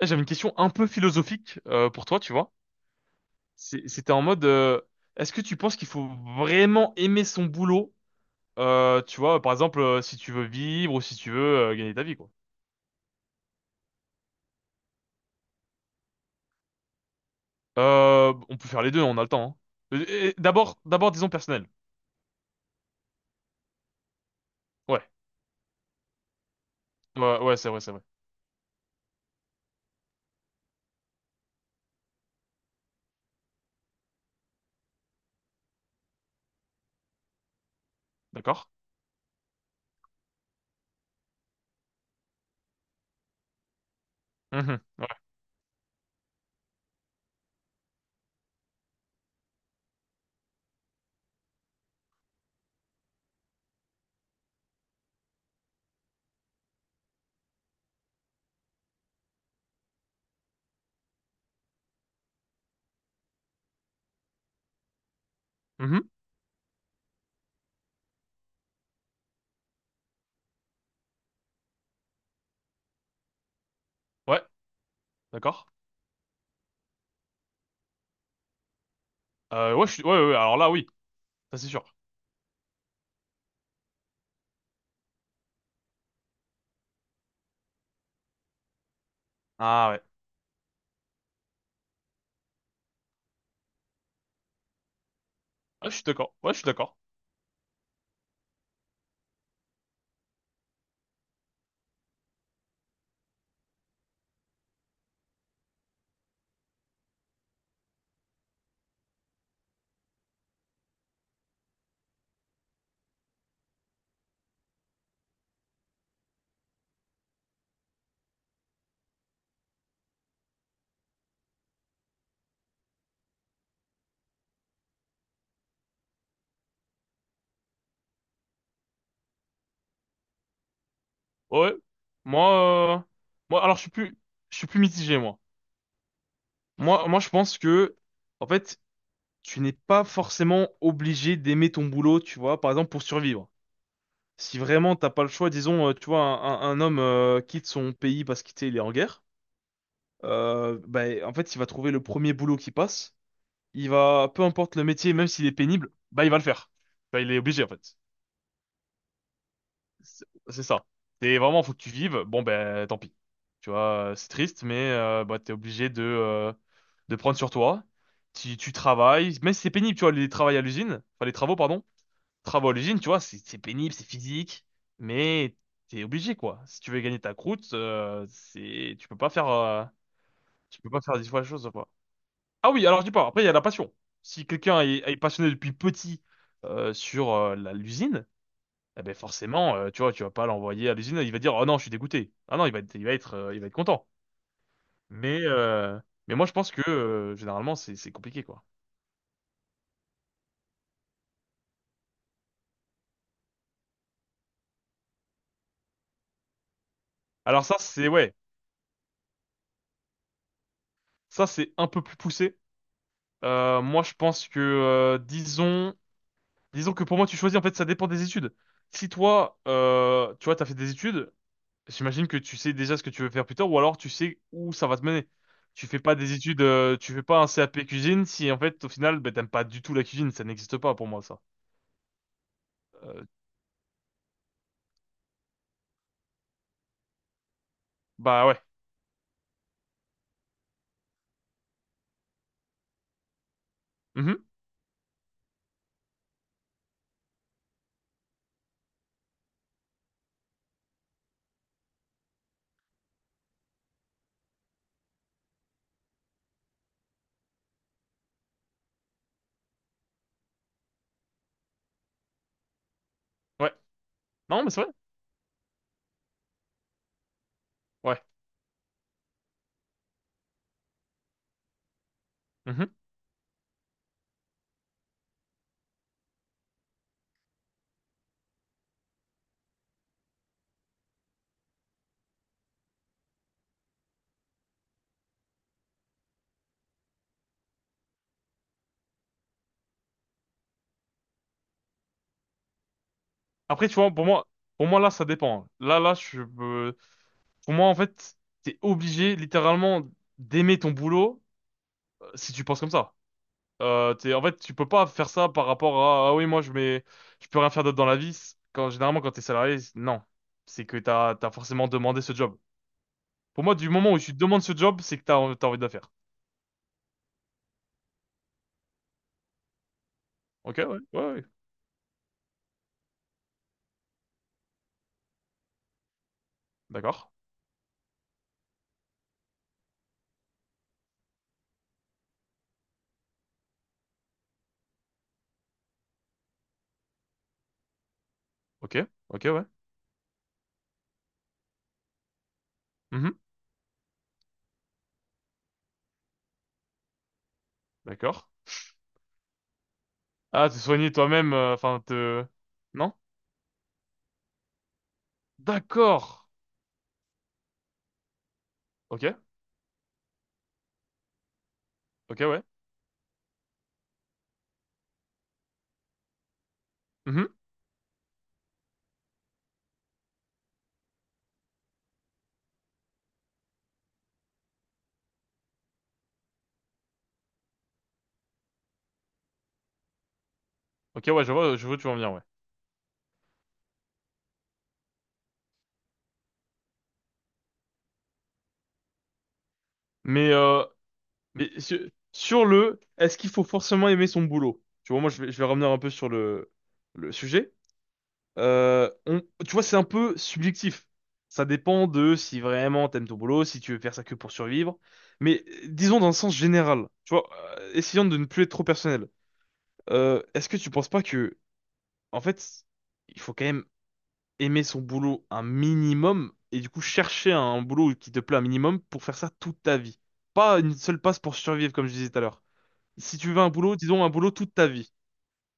Eh, j'avais une question un peu philosophique pour toi, tu vois. C'était en mode, est-ce que tu penses qu'il faut vraiment aimer son boulot, tu vois, par exemple, si tu veux vivre ou si tu veux gagner ta vie, quoi. On peut faire les deux, on a le temps. Hein. Et d'abord, disons personnel. Ouais, ouais, ouais, c'est vrai, c'est vrai. D'accord. Mhm. Ouais. Mhm. Ouais, d'accord. Ouais, ouais, ouais, ouais, alors là, oui, ça c'est sûr. Ah ouais, ah, je suis d'accord. Ouais, je suis d'accord. Ouais, moi, euh, moi, alors je suis plus mitigé, moi. Moi, je pense que, en fait, tu n'es pas forcément obligé d'aimer ton boulot, tu vois, par exemple, pour survivre. Si vraiment t'as pas le choix, disons, tu vois, un homme quitte son pays parce qu'il, tu sais, il est en guerre, bah, en fait, il va trouver le premier boulot qui passe. Il va, peu importe le métier, même s'il est pénible, bah, il va le faire. Bah, il est obligé, en fait. C'est ça. Et vraiment, faut que tu vives. Bon, ben, tant pis. Tu vois, c'est triste, mais bah, t'es obligé de prendre sur toi. Tu travailles, même si c'est pénible, tu vois, les travaux à l'usine, enfin les travaux, pardon, travaux à l'usine, tu vois, c'est pénible, c'est physique, mais t'es obligé, quoi. Si tu veux gagner ta croûte, tu peux pas faire, tu peux pas faire 10 fois la chose, quoi. Ah oui, alors je dis pas, après, il y a la passion. Si quelqu'un est passionné depuis petit sur l'usine, eh ben forcément, tu vois, tu vas pas l'envoyer à l'usine, il va dire, oh non, je suis dégoûté. Ah non, il va être content. Mais, euh, mais moi, je pense que généralement, c'est compliqué, quoi. Alors ça, c'est ouais, ça c'est un peu plus poussé. Moi, je pense que disons que pour moi, tu choisis. En fait, ça dépend des études. Si toi, tu vois, t'as fait des études, j'imagine que tu sais déjà ce que tu veux faire plus tard, ou alors tu sais où ça va te mener. Tu fais pas des études, tu fais pas un CAP cuisine si en fait au final, ben, t'aimes pas du tout la cuisine, ça n'existe pas pour moi ça. Euh, Bah ouais. Mhm. Ouais. Non, mais c'est vrai. Ouais. Mhm. Après, tu vois, pour moi là, ça dépend. Là. Pour moi, en fait, t'es obligé littéralement d'aimer ton boulot si tu penses comme ça. En fait, tu peux pas faire ça par rapport à ah oui, moi, je mets, je peux rien faire d'autre dans la vie. Quand généralement, quand t'es salarié, non, c'est que t'as forcément demandé ce job. Pour moi, du moment où tu demandes ce job, c'est que t'as envie de le faire. Ok, ouais, ouais, ouais. D'accord. Ok, ok, ouais. Mhm. D'accord. Ah, te soigner toi-même, enfin, te... Non? D'accord. Ok, ok, ouais. Mhm. Ok, ouais, je vois, où tu vas en venir, ouais. Mais, euh, mais est-ce qu'il faut forcément aimer son boulot? Tu vois, moi, je vais revenir un peu sur le sujet. Tu vois, c'est un peu subjectif. Ça dépend de si vraiment t'aimes ton boulot, si tu veux faire ça que pour survivre. Mais disons dans le sens général, tu vois, essayons de ne plus être trop personnel. Est-ce que tu penses pas que, en fait, il faut quand même aimer son boulot un minimum et du coup chercher un boulot qui te plaît un minimum pour faire ça toute ta vie. Pas une seule passe pour survivre, comme je disais tout à l'heure. Si tu veux un boulot, disons un boulot toute ta vie.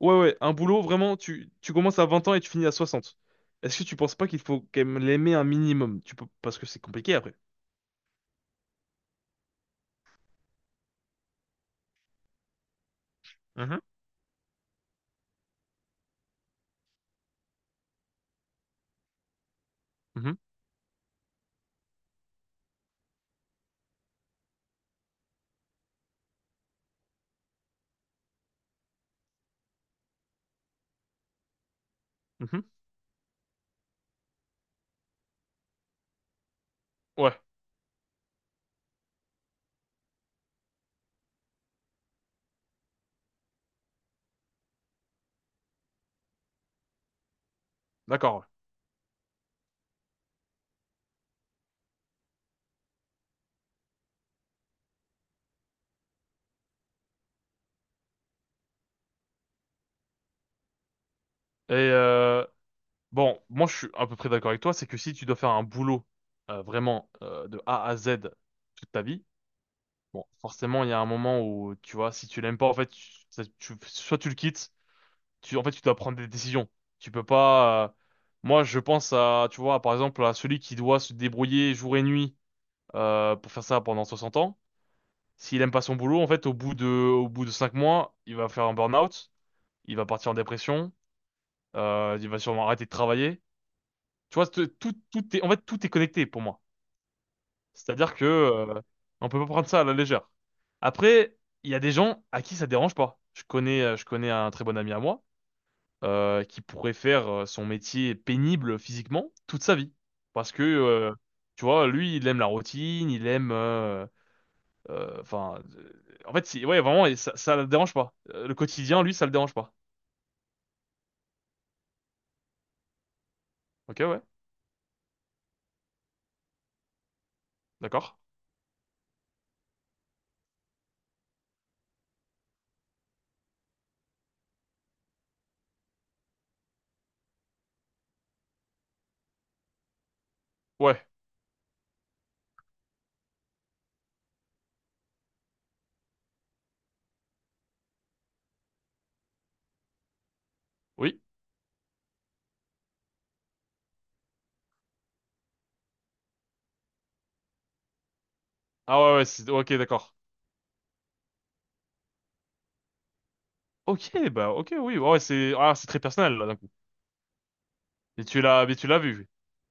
Ouais, ouais, un boulot vraiment, tu commences à 20 ans et tu finis à 60. Est-ce que tu penses pas qu'il faut quand même l'aimer un minimum? Tu peux, parce que c'est compliqué après. Mhm, mhm, mhm. Ouais, d'accord. Ouais. Et bon, moi je suis à peu près d'accord avec toi, c'est que si tu dois faire un boulot vraiment de A à Z toute ta vie, bon, forcément, il y a un moment où, tu vois, si tu l'aimes pas, en fait, soit tu le quittes, en fait, tu dois prendre des décisions. Tu peux pas. Moi, je pense à, tu vois, par exemple, à celui qui doit se débrouiller jour et nuit pour faire ça pendant 60 ans. S'il aime pas son boulot, en fait, au bout de 5 mois, il va faire un burn-out, il va partir en dépression, il va sûrement arrêter de travailler. Tu vois, tout est connecté pour moi. C'est-à-dire que on peut pas prendre ça à la légère. Après, il y a des gens à qui ça dérange pas. Je connais un très bon ami à moi qui pourrait faire son métier pénible physiquement toute sa vie, parce que tu vois, lui, il aime la routine, euh, enfin, euh, ouais, vraiment, et ça le dérange pas. Le quotidien, lui, ça le dérange pas. Ok, ouais, d'accord. Ouais, oui. Ah ouais, ouais, ok, d'accord. Ok, bah ok, oui, ouais, ouais, c'est très personnel là d'un coup. Mais tu l'as vu.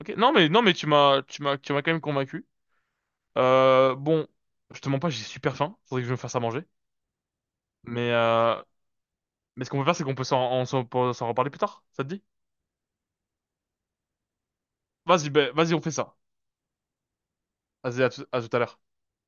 Ok. Non mais tu m'as quand même convaincu. Bon, je te mens pas, j'ai super faim. Faudrait que je me fasse à manger. Mais euh, mais ce qu'on peut faire, c'est qu'on peut s'en reparler plus tard. Ça te dit? Vas-y, ben, vas-y, on fait ça. Vas-y, à tout à l'heure.